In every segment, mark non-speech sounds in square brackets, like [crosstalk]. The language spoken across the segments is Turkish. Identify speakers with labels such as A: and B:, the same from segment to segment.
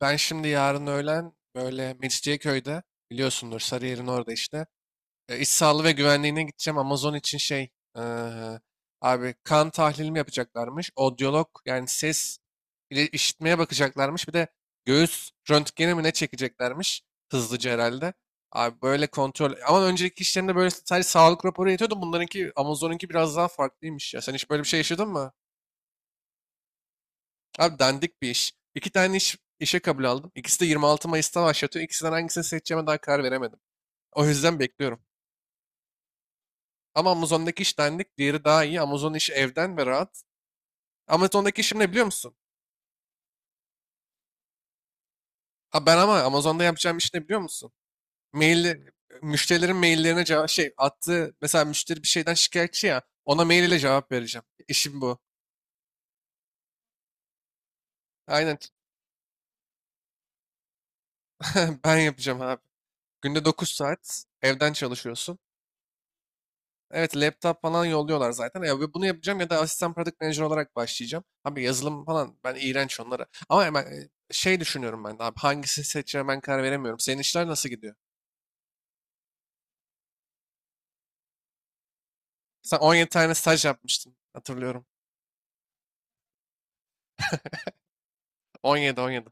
A: Ben şimdi yarın öğlen böyle Mecidiyeköy'de biliyorsundur Sarıyer'in orada işte. E, iş sağlığı ve güvenliğine gideceğim. Amazon için e, abi kan tahlilimi yapacaklarmış. Odyolog, yani ses ile işitmeye bakacaklarmış. Bir de göğüs röntgeni mi ne çekeceklermiş, hızlıca herhalde. Abi böyle kontrol. Ama önceki işlerinde böyle sadece sağlık raporu yetiyordu. Bunlarınki, Amazon'unki biraz daha farklıymış ya. Sen hiç böyle bir şey yaşadın mı? Abi dandik bir iş. İki tane iş, işe kabul aldım. İkisi de 26 Mayıs'ta başlatıyor. İkisinden hangisini seçeceğime daha karar veremedim. O yüzden bekliyorum. Ama Amazon'daki iş dandik. Diğeri daha iyi. Amazon işi evden ve rahat. Amazon'daki işim ne biliyor musun? Ha, ben ama Amazon'da yapacağım iş ne biliyor musun? Mail, müşterilerin maillerine cevap şey attığı, mesela müşteri bir şeyden şikayetçi ya, ona mail ile cevap vereceğim. İşim bu. Aynen, [laughs] ben yapacağım abi. Günde 9 saat evden çalışıyorsun. Evet, laptop falan yolluyorlar zaten. Ya, ve bunu yapacağım ya da asistan product manager olarak başlayacağım. Abi yazılım falan ben iğrenç onlara. Ama hemen düşünüyorum ben de abi, hangisini seçeceğime ben karar veremiyorum. Senin işler nasıl gidiyor? Sen 17 tane staj yapmıştın, hatırlıyorum. 17 17.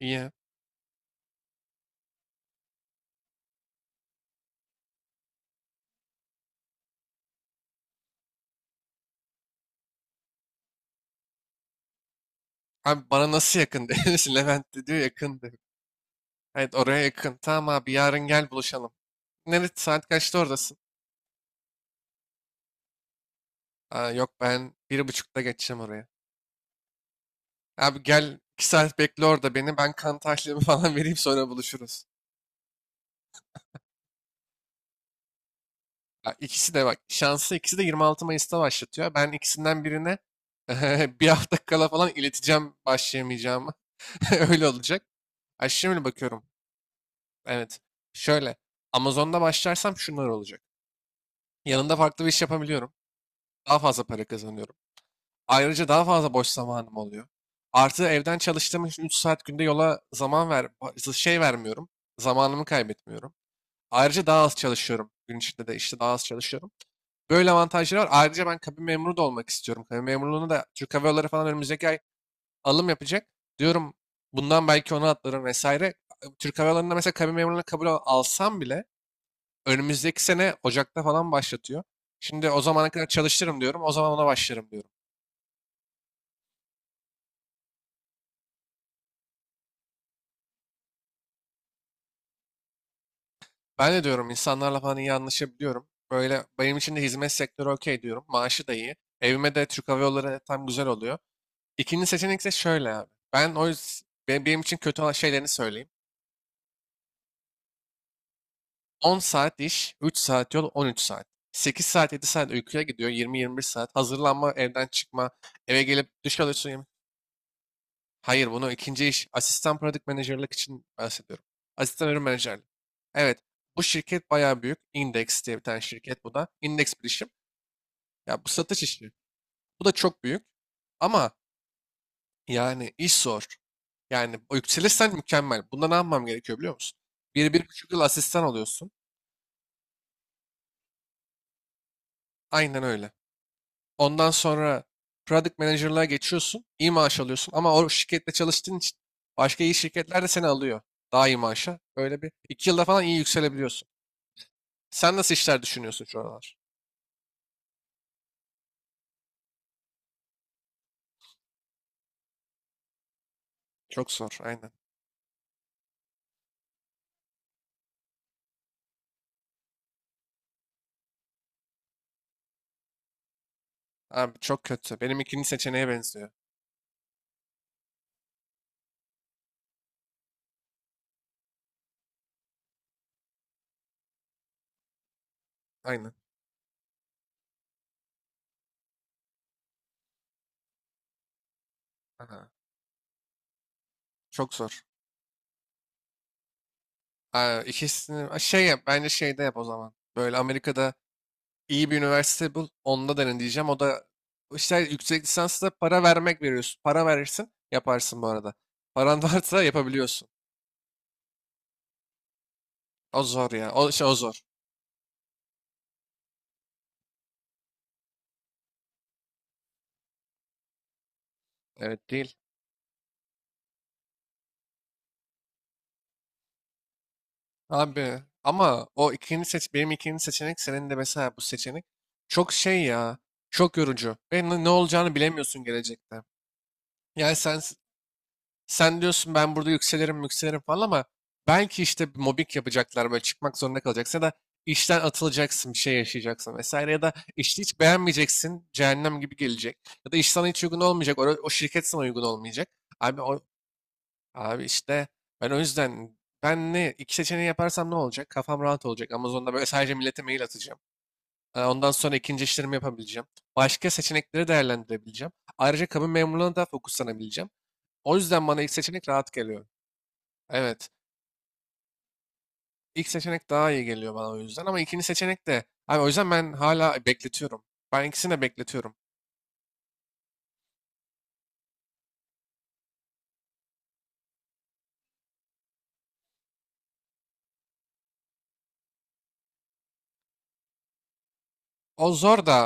A: İyi. Abi bana nasıl yakın [laughs] demişsin? Levent de diyor yakın, diyor. Evet, oraya yakın. Tamam abi, yarın gel buluşalım. Nerede, saat kaçta oradasın? Aa, yok, ben bir buçukta geçeceğim oraya. Abi gel, 2 saat bekle orada beni, ben kan tahlilimi [laughs] falan vereyim, sonra buluşuruz. Ya, İkisi de bak şansı, ikisi de 26 Mayıs'ta başlatıyor. Ben ikisinden birine [laughs] bir hafta kala falan ileteceğim başlayamayacağımı. [laughs] Öyle olacak. Ay şimdi bakıyorum. Evet. Şöyle. Amazon'da başlarsam şunlar olacak. Yanında farklı bir iş yapabiliyorum. Daha fazla para kazanıyorum. Ayrıca daha fazla boş zamanım oluyor. Artı evden çalıştığım için 3 saat günde yola zaman vermiyorum. Zamanımı kaybetmiyorum. Ayrıca daha az çalışıyorum. Gün içinde de işte daha az çalışıyorum. Böyle avantajları var. Ayrıca ben kabin memuru da olmak istiyorum. Kabin memurluğunu da Türk Hava Yolları falan önümüzdeki ay alım yapacak. Diyorum, bundan belki ona atlarım vesaire. Türk Hava Yolları'nda mesela kabin memurluğuna kabul alsam bile önümüzdeki sene Ocak'ta falan başlatıyor. Şimdi o zamana kadar çalıştırırım diyorum. O zaman ona başlarım diyorum. Ben de diyorum, insanlarla falan iyi anlaşabiliyorum. Böyle benim için de hizmet sektörü okey diyorum. Maaşı da iyi. Evime de Türk Hava Yolları tam güzel oluyor. İkinci seçenek ise şöyle abi. Benim için kötü olan şeylerini söyleyeyim. 10 saat iş, 3 saat yol, 13 saat. 8 saat, 7 saat uykuya gidiyor. 20-21 saat. Hazırlanma, evden çıkma, eve gelip duş alıyorsun. Hayır, bunu ikinci iş. Asistan product manager'lık için bahsediyorum. Asistan ürün menajerlik. Evet, bu şirket bayağı büyük. Index diye bir tane şirket bu da. Index bilişim. Ya, bu satış işi. Bu da çok büyük. Ama yani iş zor. Yani o, yükselirsen mükemmel. Bunda ne yapmam gerekiyor biliyor musun? Bir, bir buçuk yıl asistan oluyorsun. Aynen öyle. Ondan sonra product manager'lığa geçiyorsun. İyi maaş alıyorsun, ama o şirkette çalıştığın için başka iyi şirketler de seni alıyor. Daha iyi maaşa. Böyle bir iki yılda falan iyi yükselebiliyorsun. Sen nasıl işler düşünüyorsun şu aralar? Çok zor, aynen. Abi çok kötü. Benim ikinci seçeneğe benziyor. Aynen. Aha, çok zor. Aa, ikisini Aa, şey yap bence, şeyde yap o zaman. Böyle Amerika'da iyi bir üniversite bul. Onda denen diyeceğim. O da işte, yüksek lisansta para vermek veriyorsun. Para verirsin yaparsın bu arada. Paran [laughs] varsa yapabiliyorsun. O zor ya. O zor. Evet değil. Abi ama o ikinci seç Benim ikinci seçenek, senin de mesela bu seçenek çok şey ya. Çok yorucu. Ve ne olacağını bilemiyorsun gelecekte. Yani sen diyorsun, ben burada yükselirim yükselirim falan, ama belki işte bir mobbing yapacaklar, böyle çıkmak zorunda kalacaksın ya da işten atılacaksın, bir şey yaşayacaksın vesaire, ya da işte hiç beğenmeyeceksin, cehennem gibi gelecek ya da iş sana hiç uygun olmayacak, o şirket sana uygun olmayacak. Abi o, Abi işte, ben o yüzden, ben ne iki seçeneği yaparsam ne olacak? Kafam rahat olacak. Amazon'da böyle [laughs] sadece millete mail atacağım. Ondan sonra ikinci işlerimi yapabileceğim. Başka seçenekleri değerlendirebileceğim. Ayrıca kabin memurluğuna da fokuslanabileceğim. O yüzden bana ilk seçenek rahat geliyor. Evet. ilk seçenek daha iyi geliyor bana, o yüzden. Ama ikinci seçenek de abi, o yüzden ben hala bekletiyorum. Ben ikisini de bekletiyorum. O zor da.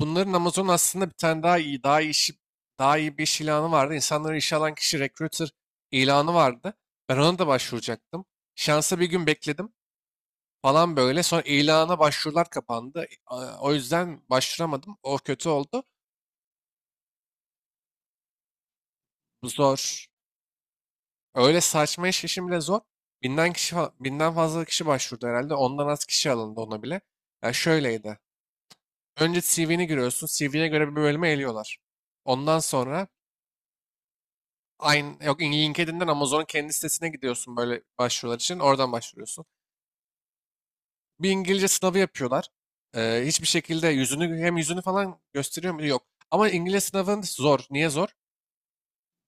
A: Bunların, Amazon aslında bir tane daha iyi bir iş ilanı vardı. İnsanları işe alan kişi, recruiter ilanı vardı. Ben ona da başvuracaktım. Şansa bir gün bekledim falan böyle. Sonra ilana başvurular kapandı. O yüzden başvuramadım. O kötü oldu. Bu zor. Öyle saçma işim bile zor. Binden fazla kişi başvurdu herhalde. Ondan az kişi alındı ona bile. Ya şöyleydi. Önce CV'ni giriyorsun. CV'ne göre bir bölüme eliyorlar. Ondan sonra. Aynı, yok, LinkedIn'den Amazon'un kendi sitesine gidiyorsun, böyle başvurular için. Oradan başvuruyorsun. Bir İngilizce sınavı yapıyorlar. Hiçbir şekilde yüzünü, hem yüzünü falan gösteriyor mu? Yok. Ama İngilizce sınavın zor. Niye zor?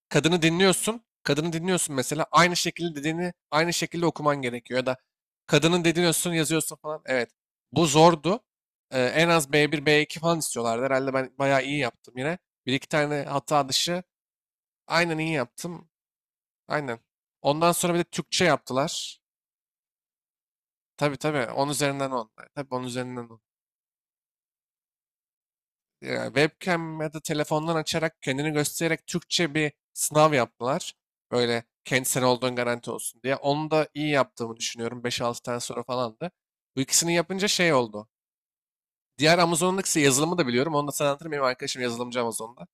A: Kadını dinliyorsun. Kadını dinliyorsun mesela. Aynı şekilde dediğini aynı şekilde okuman gerekiyor. Ya da kadının dediğini yazıyorsun falan. Evet. Bu zordu. En az B1, B2 falan istiyorlardı. Herhalde ben bayağı iyi yaptım yine. Bir iki tane hata dışı aynen iyi yaptım. Aynen. Ondan sonra bir de Türkçe yaptılar. Tabii tabii. 10 üzerinden 10. Tabii, on üzerinden on. Ya, webcam ya da telefondan açarak, kendini göstererek Türkçe bir sınav yaptılar. Böyle kendisine olduğun garanti olsun diye. Onu da iyi yaptığımı düşünüyorum. 5-6 tane soru falandı. Bu ikisini yapınca şey oldu. Diğer, Amazon'un ikisi yazılımı da biliyorum. Onu da sana anlatırım. Benim arkadaşım yazılımcı Amazon'da.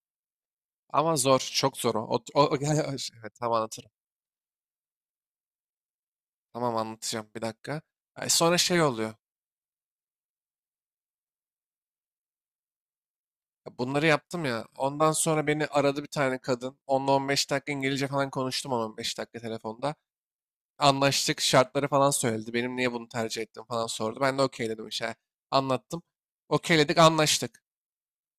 A: Ama zor. Çok zor o. O, o- [laughs] evet, tamam, anlatırım. Tamam, anlatacağım. Bir dakika. Ay, sonra şey oluyor. Bunları yaptım ya. Ondan sonra beni aradı bir tane kadın. Onunla 15 dakika İngilizce falan konuştum, 10-15 dakika telefonda. Anlaştık, şartları falan söyledi. Benim niye bunu tercih ettim falan sordu. Ben de okey dedim işte. Anlattım. Okeyledik, anlaştık.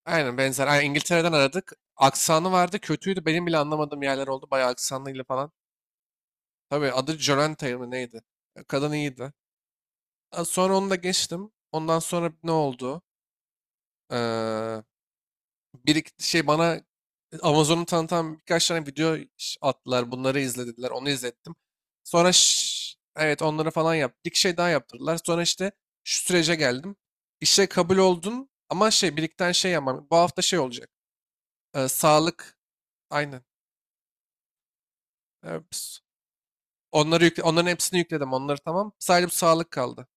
A: Aynen benzer. Aynen, İngiltere'den aradık. Aksanı vardı, kötüydü. Benim bile anlamadığım yerler oldu. Bayağı aksanıyla falan. Tabii, adı Jolentay mı neydi? Kadın iyiydi. Sonra onu da geçtim. Ondan sonra ne oldu? Ee, Bir iki şey bana, Amazon'u tanıtan birkaç tane video attılar. Bunları izlediler. Onu izlettim. Sonra evet, onları falan yaptık. Bir şey daha yaptırdılar. Sonra işte şu sürece geldim. İşe kabul oldun ama şey, birikten şey yapmam. Bu hafta şey olacak. Sağlık. Aynen. Ee, ps- Onları yükle, onların hepsini yükledim. Onları tamam. Sadece bu sağlık kaldı.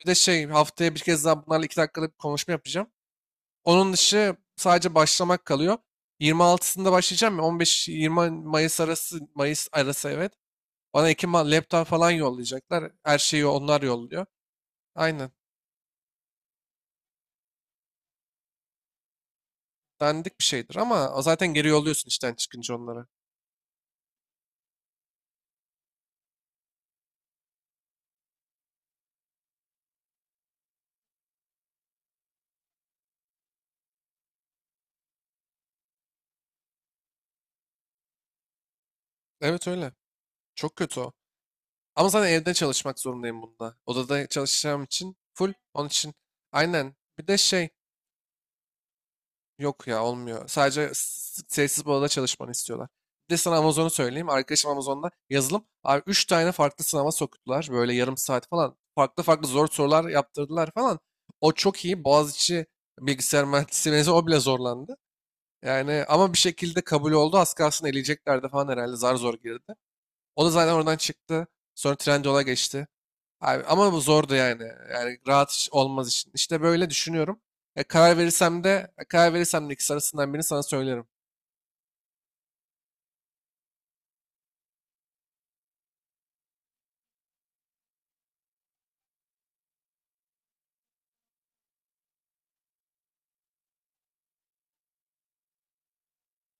A: Bir de haftaya bir kez daha bunlarla 2 dakikalık bir konuşma yapacağım. Onun dışı sadece başlamak kalıyor. 26'sında başlayacağım ya, 15-20 Mayıs arası, evet. Bana laptop falan yollayacaklar. Her şeyi onlar yolluyor. Aynen. Dandik bir şeydir ama zaten geri yolluyorsun işten çıkınca onlara. Evet öyle. Çok kötü o. Ama zaten evde çalışmak zorundayım bunda. Odada çalışacağım için full. Onun için aynen. Bir de şey Yok ya, olmuyor. Sadece sessiz bir odada çalışmanı istiyorlar. Bir de sana Amazon'u söyleyeyim. Arkadaşım Amazon'da yazılım. Abi 3 tane farklı sınava soktular. Böyle yarım saat falan. Farklı farklı zor sorular yaptırdılar falan. O çok iyi. Boğaziçi bilgisayar mühendisliği mezunu, o bile zorlandı. Yani ama bir şekilde kabul oldu. Az kalsın eleyeceklerdi falan herhalde. Zar zor girdi. O da zaten oradan çıktı. Sonra Trendyol'a geçti. Abi, ama bu zordu yani. Yani rahat iş olmaz için. İşte böyle düşünüyorum. Karar verirsem de ikisi arasından birini sana söylerim.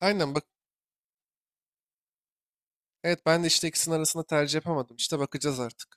A: Aynen bak. Evet, ben de işte ikisinin arasında tercih yapamadım. İşte bakacağız artık.